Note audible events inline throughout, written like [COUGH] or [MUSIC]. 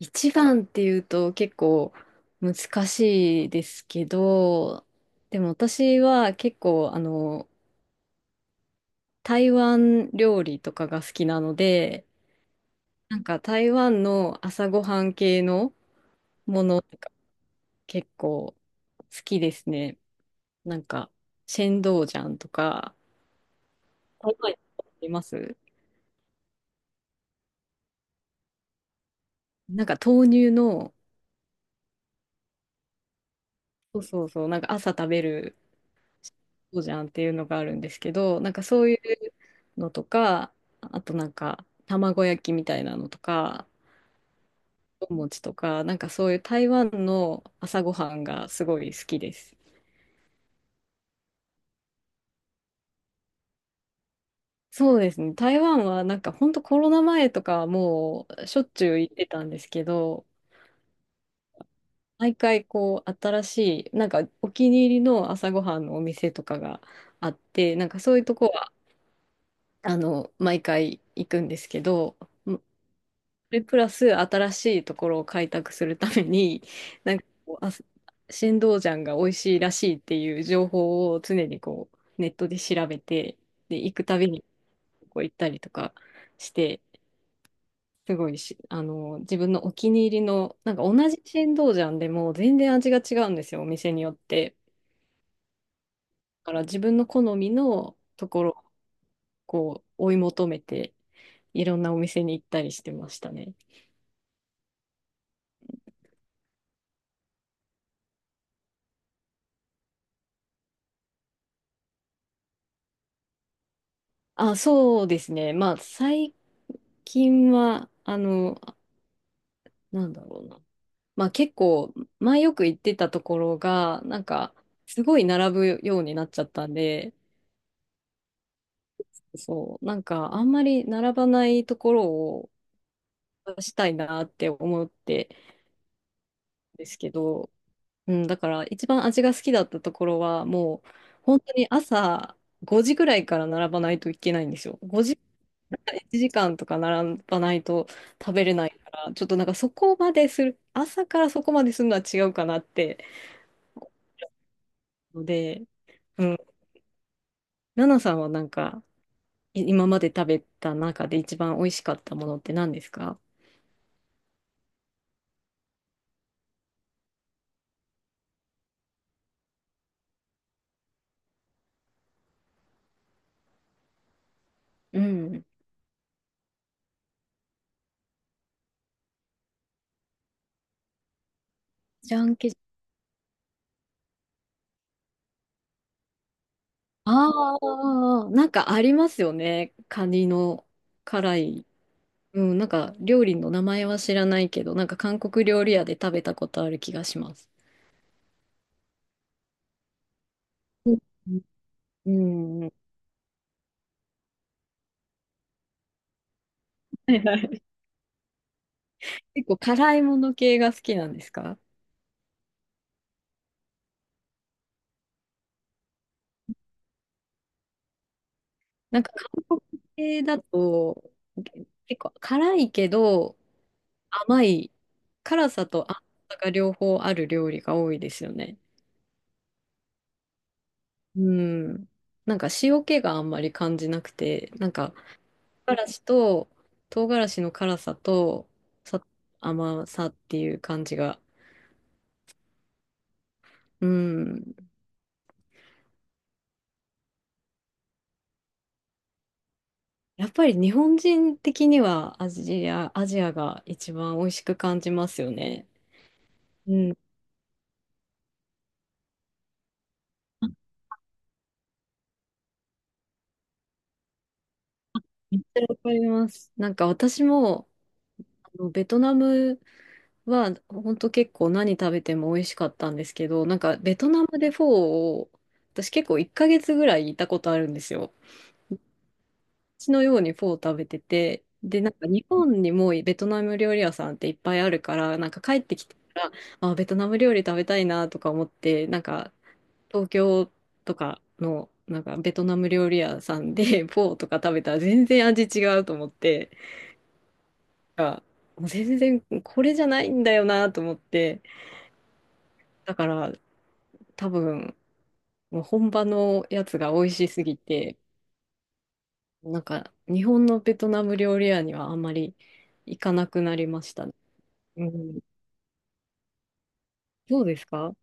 一番っていうと結構難しいですけど、でも私は結構あの台湾料理とかが好きなので、なんか台湾の朝ごはん系のものとか結構好きですね。なんかシェンドウジャンとか、台湾います。なんか豆乳の、そうそうそう、なんか朝食べるそうじゃんっていうのがあるんですけど、なんかそういうのとか、あとなんか卵焼きみたいなのとか、お餅とか、なんかそういう台湾の朝ごはんがすごい好きです。そうですね。台湾はなんか本当コロナ前とかはもうしょっちゅう行ってたんですけど、毎回こう新しい、なんかお気に入りの朝ごはんのお店とかがあって、なんかそういうとこは、毎回行くんですけど、プラス新しいところを開拓するために、[LAUGHS] なんかこう、あ、新道ジャンが美味しいらしいっていう情報を常にこう、ネットで調べて、で、行くたびにこう行ったりとかして、すごいし、自分のお気に入りの、なんか同じ新道ジャンでも全然味が違うんですよ、お店によって。だから自分の好みのところをこう、追い求めて、いろんなお店に行ったりしてましたね。あ、そうですね。まあ、最近は、なんだろうな。まあ結構、前よく行ってたところが、なんか、すごい並ぶようになっちゃったんで、そう、なんか、あんまり並ばないところを出したいなって思ってですけど、うん、だから一番味が好きだったところは、もう、本当に朝5時ぐらいから並ばないといけないんですよ。5時、1時間とか並ばないと食べれないから、ちょっとなんかそこまでする、朝からそこまでするのは違うかなって。ので、うん。ナナさんはなんか、今まで食べた中で一番美味しかったものって何ですか？うん。ジャンケジ。ああー、なんかありますよね。カニの辛い。うん、なんか料理の名前は知らないけど、なんか韓国料理屋で食べたことある気がします。うん。うん。はいはい。結構辛いもの系が好きなんですか？なんか韓国系だと結構辛いけど甘い辛さと甘さが両方ある料理が多いですよね。うん。なんか塩気があんまり感じなくて、なんか唐辛子と唐辛子の辛さとさ甘さっていう感じが。うん。やっぱり日本人的にはアジアが一番美味しく感じますよね。うん。めっちゃわかります。なんか私も、ベトナムは、本当結構何食べても美味しかったんですけど、なんかベトナムでフォーを、私結構1ヶ月ぐらいいたことあるんですよ。血のようにフォーを食べてて、で、なんか日本にもベトナム料理屋さんっていっぱいあるから、なんか帰ってきたら、あ、ベトナム料理食べたいなとか思って、なんか東京とかの、なんかベトナム料理屋さんで [LAUGHS] フォーとか食べたら全然味違うと思って、が、もう全然これじゃないんだよなと思って、だから多分、もう本場のやつが美味しすぎて、なんか日本のベトナム料理屋にはあんまり行かなくなりましたね。うん。どうですか？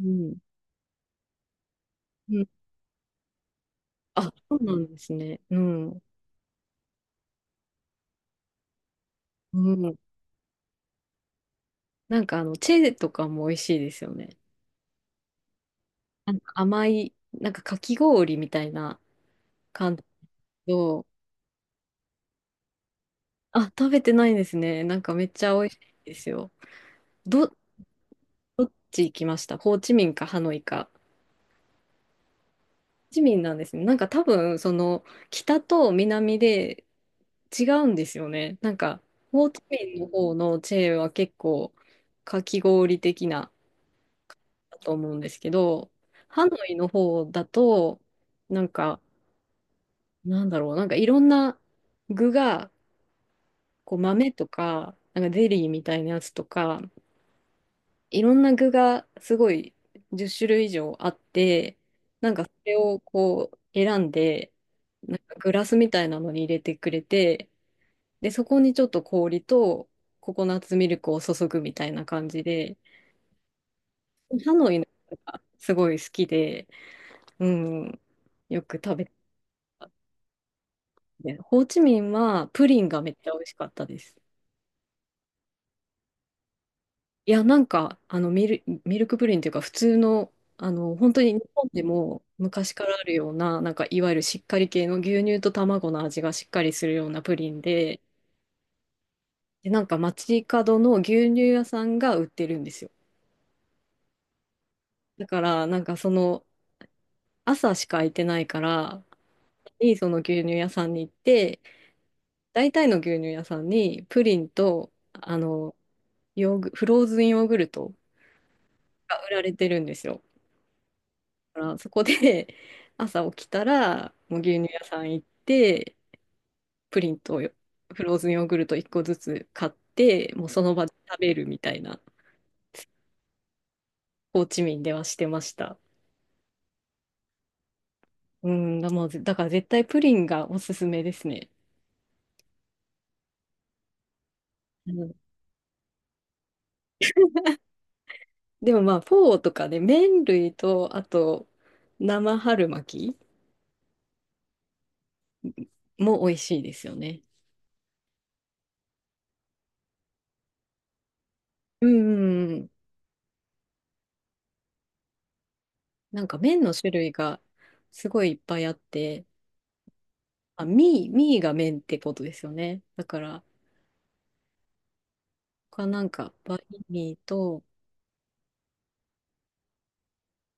うん。うん。あ、そうなんですね。うん。うん。なんかチェーとかも美味しいですよね。なんか甘い、なんかかき氷みたいな感じの。あ、食べてないんですね。なんかめっちゃ美味しいですよ。ど、どっち行きました？ホーチミンかハノイか？ホーチミンなんですね。なんか多分、その、北と南で違うんですよね。なんか、ホーチミンの方のチェーは結構、かき氷的な、だと思うんですけど、ハノイの方だと、なんか、なんだろう、なんかいろんな具が、こう豆とか、なんかゼリーみたいなやつとか、いろんな具がすごい10種類以上あって、なんかそれをこう選んで、なんかグラスみたいなのに入れてくれて、で、そこにちょっと氷とココナッツミルクを注ぐみたいな感じで、ハノイの人がすごい好きで、うん、よく食べて、ホーチミンはプリンがめっちゃ美味しかったです。いや、なんか、ミルクプリンっていうか、普通の、本当に日本でも昔からあるような、なんか、いわゆるしっかり系の牛乳と卵の味がしっかりするようなプリンで、で、なんか、街角の牛乳屋さんが売ってるんですよ。だから、なんか、その、朝しか空いてないから、いいその牛乳屋さんに行って、大体の牛乳屋さんに、プリンと、ヨーグ、フローズンヨーグルトが売られてるんですよ。からそこで [LAUGHS] 朝起きたら、もう牛乳屋さん行って、プリンとフローズンヨーグルト1個ずつ買って、もうその場で食べるみたいな、ホーチミンではしてました。うん、だ、もうぜだから絶対プリンがおすすめですね。うん、でもまあ、フォーとかね、麺類と、あと、生春巻きも美味しいですよね。うんうんうん、なんか麺の種類がすごいいっぱいあって、あ、ミーが麺ってことですよね。だから、他なんか、バインミーと、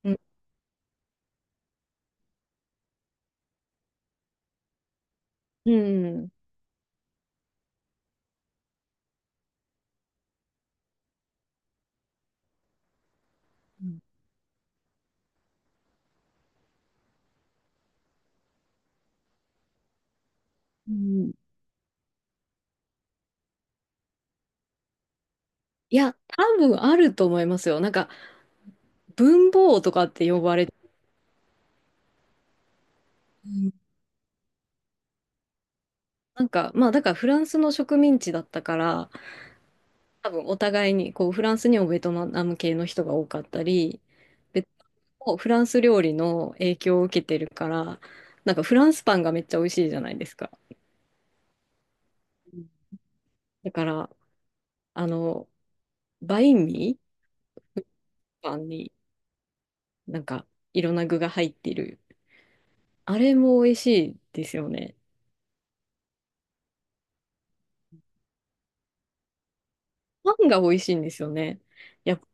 うん、うん。うん、うん。いや、多分あると思いますよ。なんか、文房とかって呼ばれて、うん。なんか、まあ、だからフランスの植民地だったから、多分お互いに、こう、フランスにもベトナム系の人が多かったり、ベトナムもフランス料理の影響を受けてるから、なんかフランスパンがめっちゃ美味しいじゃないですか。だから、あの、バインミーパンになんかいろんな具が入っているあれも美味しいですよね。パンが美味しいんですよね。やっぱ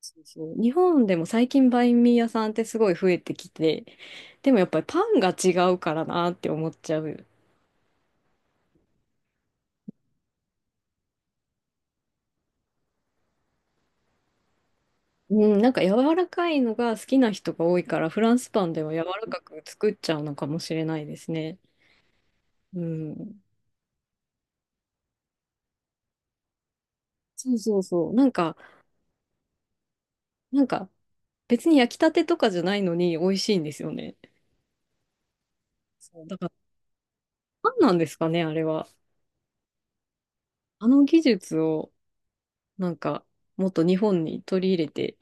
そうそう。日本でも最近バインミー屋さんってすごい増えてきて、でもやっぱりパンが違うからなって思っちゃう。うん、なんか柔らかいのが好きな人が多いから、フランスパンでは柔らかく作っちゃうのかもしれないですね。うん。そうそうそう。なんか別に焼きたてとかじゃないのに美味しいんですよね。そう、だからパンなんですかね、あれは。あの技術を。なんか、もっと日本に取り入れて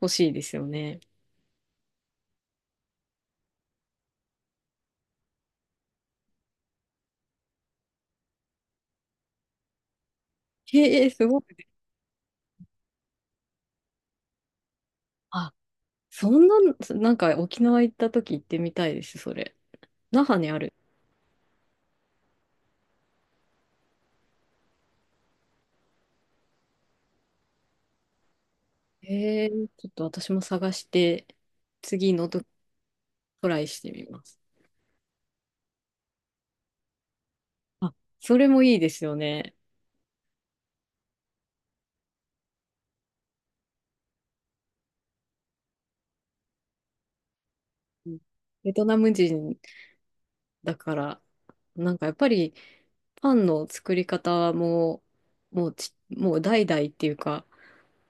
ほしいですよね。へえ、すごい。あ、そんな、なんか沖縄行った時行ってみたいです、それ。那覇にある。へえ、ちょっと私も探して、次のトライしてみます。あ、それもいいですよね。うん。ベトナム人だから、なんかやっぱりパンの作り方も、もうち、もう代々っていうか、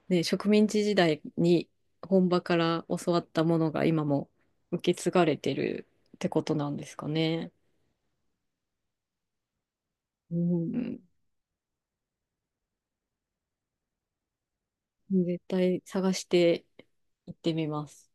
ね、植民地時代に本場から教わったものが今も受け継がれてるってことなんですかね。うん。絶対探して行ってみます。